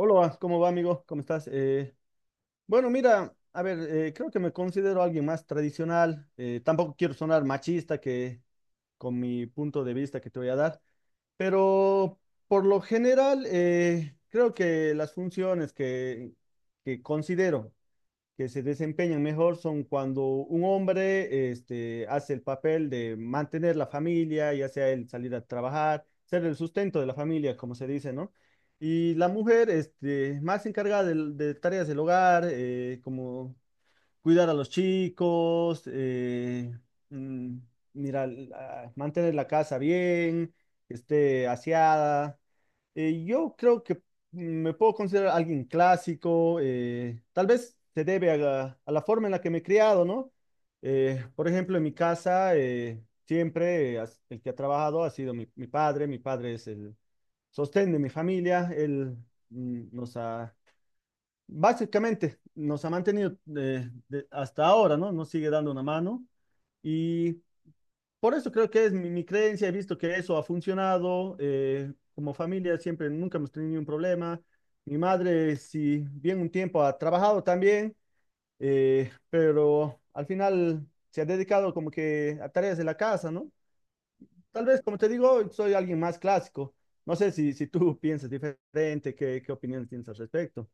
Hola, ¿cómo va, amigo? ¿Cómo estás? Bueno, mira, a ver, creo que me considero alguien más tradicional. Tampoco quiero sonar machista que con mi punto de vista que te voy a dar, pero por lo general creo que las funciones que considero que se desempeñan mejor son cuando un hombre hace el papel de mantener la familia, ya sea el salir a trabajar, ser el sustento de la familia, como se dice, ¿no? Y la mujer, este, más encargada de tareas del hogar, como cuidar a los chicos, mm, mira, mantener la casa bien, que esté aseada. Yo creo que me puedo considerar alguien clásico, tal vez se debe a a la forma en la que me he criado, ¿no? Por ejemplo, en mi casa, el que ha trabajado ha sido mi padre es el sostén de mi familia, él mm, nos ha Básicamente nos ha mantenido hasta ahora, ¿no? Nos sigue dando una mano, y por eso creo que es mi creencia, he visto que eso ha funcionado, como familia siempre, nunca hemos tenido ningún problema. Mi madre, si bien un tiempo ha trabajado también, pero al final se ha dedicado como que a tareas de la casa, ¿no? Tal vez, como te digo, soy alguien más clásico. No sé si, si tú piensas diferente, qué, qué opiniones tienes al respecto.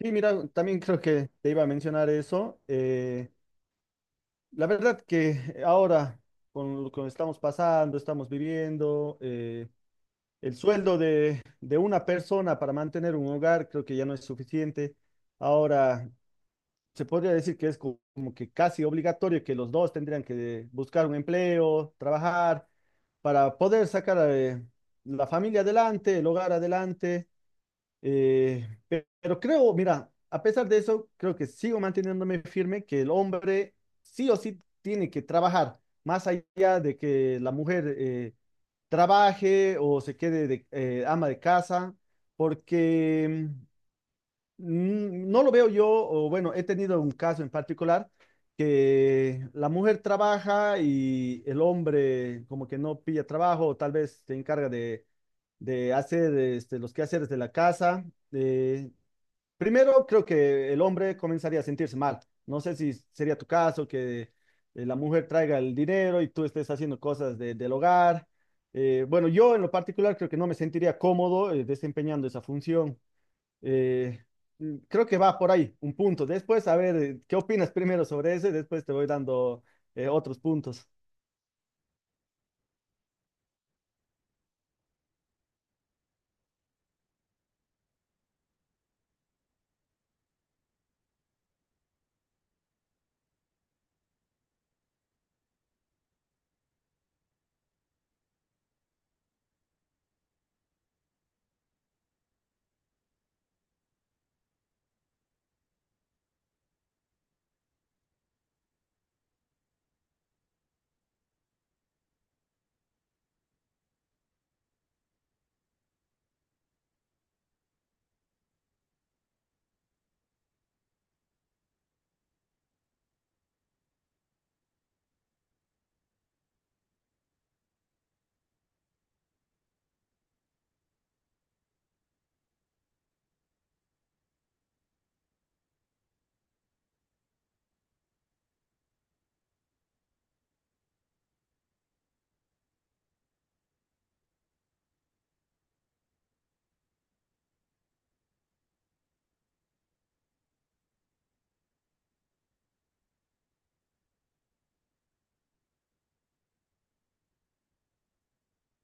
Sí, mira, también creo que te iba a mencionar eso. La verdad que ahora, con lo que estamos pasando, estamos viviendo, el sueldo de una persona para mantener un hogar creo que ya no es suficiente. Ahora, se podría decir que es como que casi obligatorio que los dos tendrían que buscar un empleo, trabajar, para poder sacar a la familia adelante, el hogar adelante. Pero creo, mira, a pesar de eso, creo que sigo manteniéndome firme que el hombre sí o sí tiene que trabajar, más allá de que la mujer trabaje o se quede de ama de casa, porque no lo veo yo, o bueno, he tenido un caso en particular que la mujer trabaja y el hombre como que no pilla trabajo, o tal vez se encarga de hacer este, los quehaceres de la casa. eh, Primero, creo que el hombre comenzaría a sentirse mal. No sé si sería tu caso, que la mujer traiga el dinero y tú estés haciendo cosas del hogar. Bueno, yo en lo particular creo que no me sentiría cómodo desempeñando esa función. Eh, Creo que va por ahí, un punto. Después, a ver, ¿qué opinas primero sobre ese? Después te voy dando otros puntos.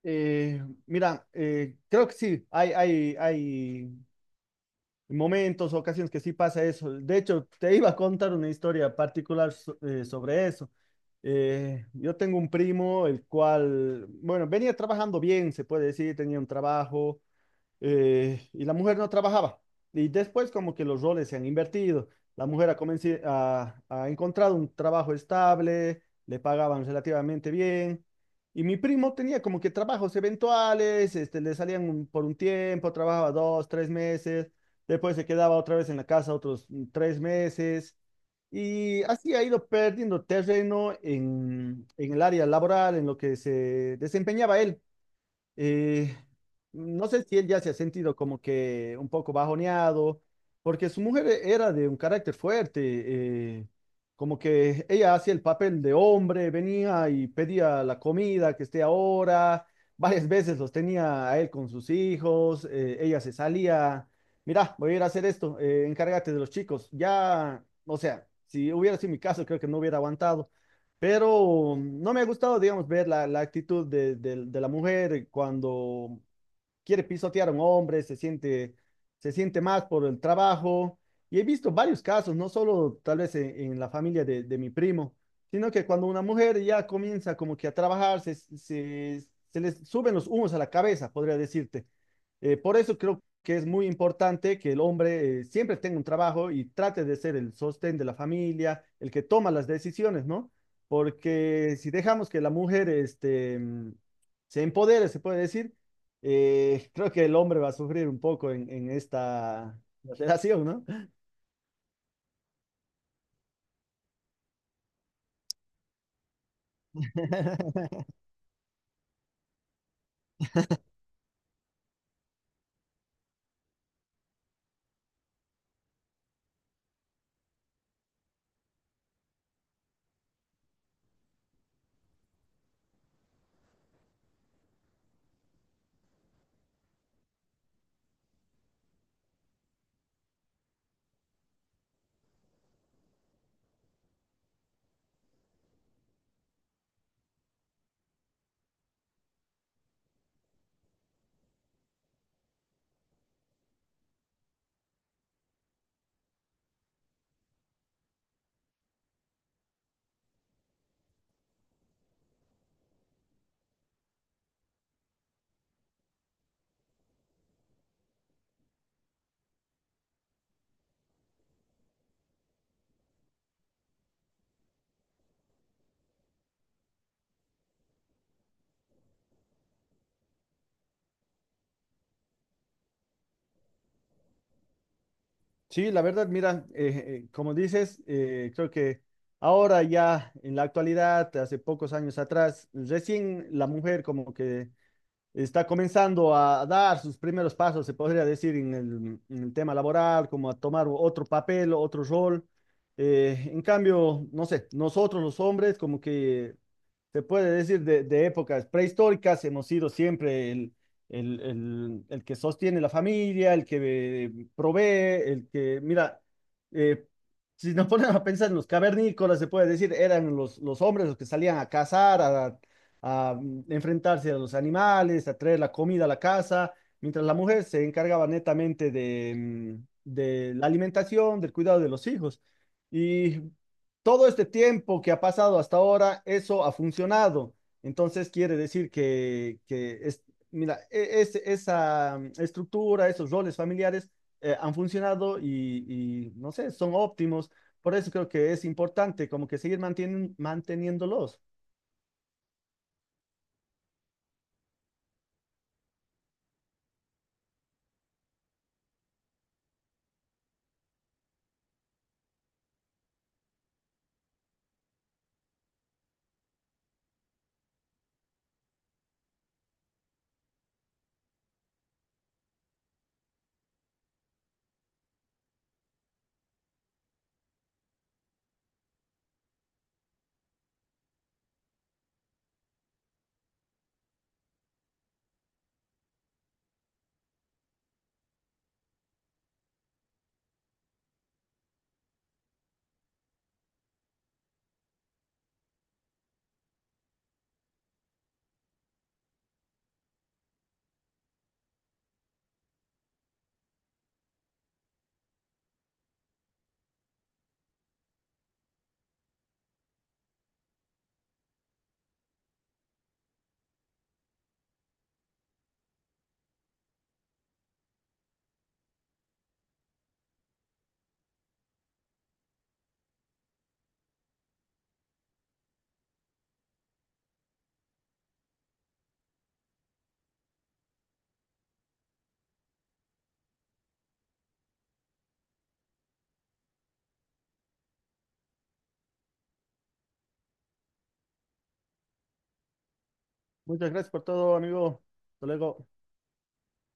Mira, creo que sí, hay momentos, ocasiones que sí pasa eso. De hecho, te iba a contar una historia particular sobre eso. Yo tengo un primo, el cual, bueno, venía trabajando bien, se puede decir, tenía un trabajo. Y la mujer no trabajaba. Y después como que los roles se han invertido. La mujer ha encontrado un trabajo estable, le pagaban relativamente bien. Y mi primo tenía como que trabajos eventuales, este, por un tiempo, trabajaba dos, tres meses, después se quedaba otra vez en la casa otros tres meses. Y así ha ido perdiendo terreno en el área laboral, en lo que se desempeñaba él, eh, no sé si él ya se ha sentido como que un poco bajoneado, porque su mujer era de un carácter fuerte, como que ella hacía el papel de hombre, venía y pedía la comida que esté ahora, varias veces los tenía a él con sus hijos, ella se salía, mira, voy a ir a hacer esto, encárgate de los chicos, ya, o sea, si hubiera sido mi caso, creo que no hubiera aguantado. Pero no me ha gustado, digamos, ver la actitud de la mujer cuando quiere pisotear a un hombre, se siente más por el trabajo. Y he visto varios casos, no solo tal vez en la familia de mi primo, sino que cuando una mujer ya comienza como que a trabajar, se les suben los humos a la cabeza, podría decirte. Por eso creo que es muy importante que el hombre siempre tenga un trabajo y trate de ser el sostén de la familia, el que toma las decisiones, ¿no? Porque si dejamos que la mujer se empodere, se puede decir, creo que el hombre va a sufrir un poco en esta relación, ¿no? Sí, la verdad, mira, como dices, creo que ahora ya en la actualidad, hace pocos años atrás, recién la mujer como que está comenzando a dar sus primeros pasos, se podría decir, en en el tema laboral, como a tomar otro papel, otro rol. En cambio, no sé, nosotros los hombres como que se puede decir, de épocas prehistóricas, hemos sido siempre el que sostiene la familia, el que provee, el que, mira, eh, si nos ponemos a pensar en los cavernícolas, se puede decir, eran los hombres los que salían a cazar, a enfrentarse a los animales, a traer la comida a la casa, mientras la mujer se encargaba netamente de la alimentación, del cuidado de los hijos. Y todo este tiempo que ha pasado hasta ahora, eso ha funcionado. Entonces quiere decir que es, mira, esa estructura, esos roles familiares han funcionado y, no sé, son óptimos. Por eso creo que es importante como que seguir manteniéndolos. Muchas gracias por todo, amigo. Hasta luego.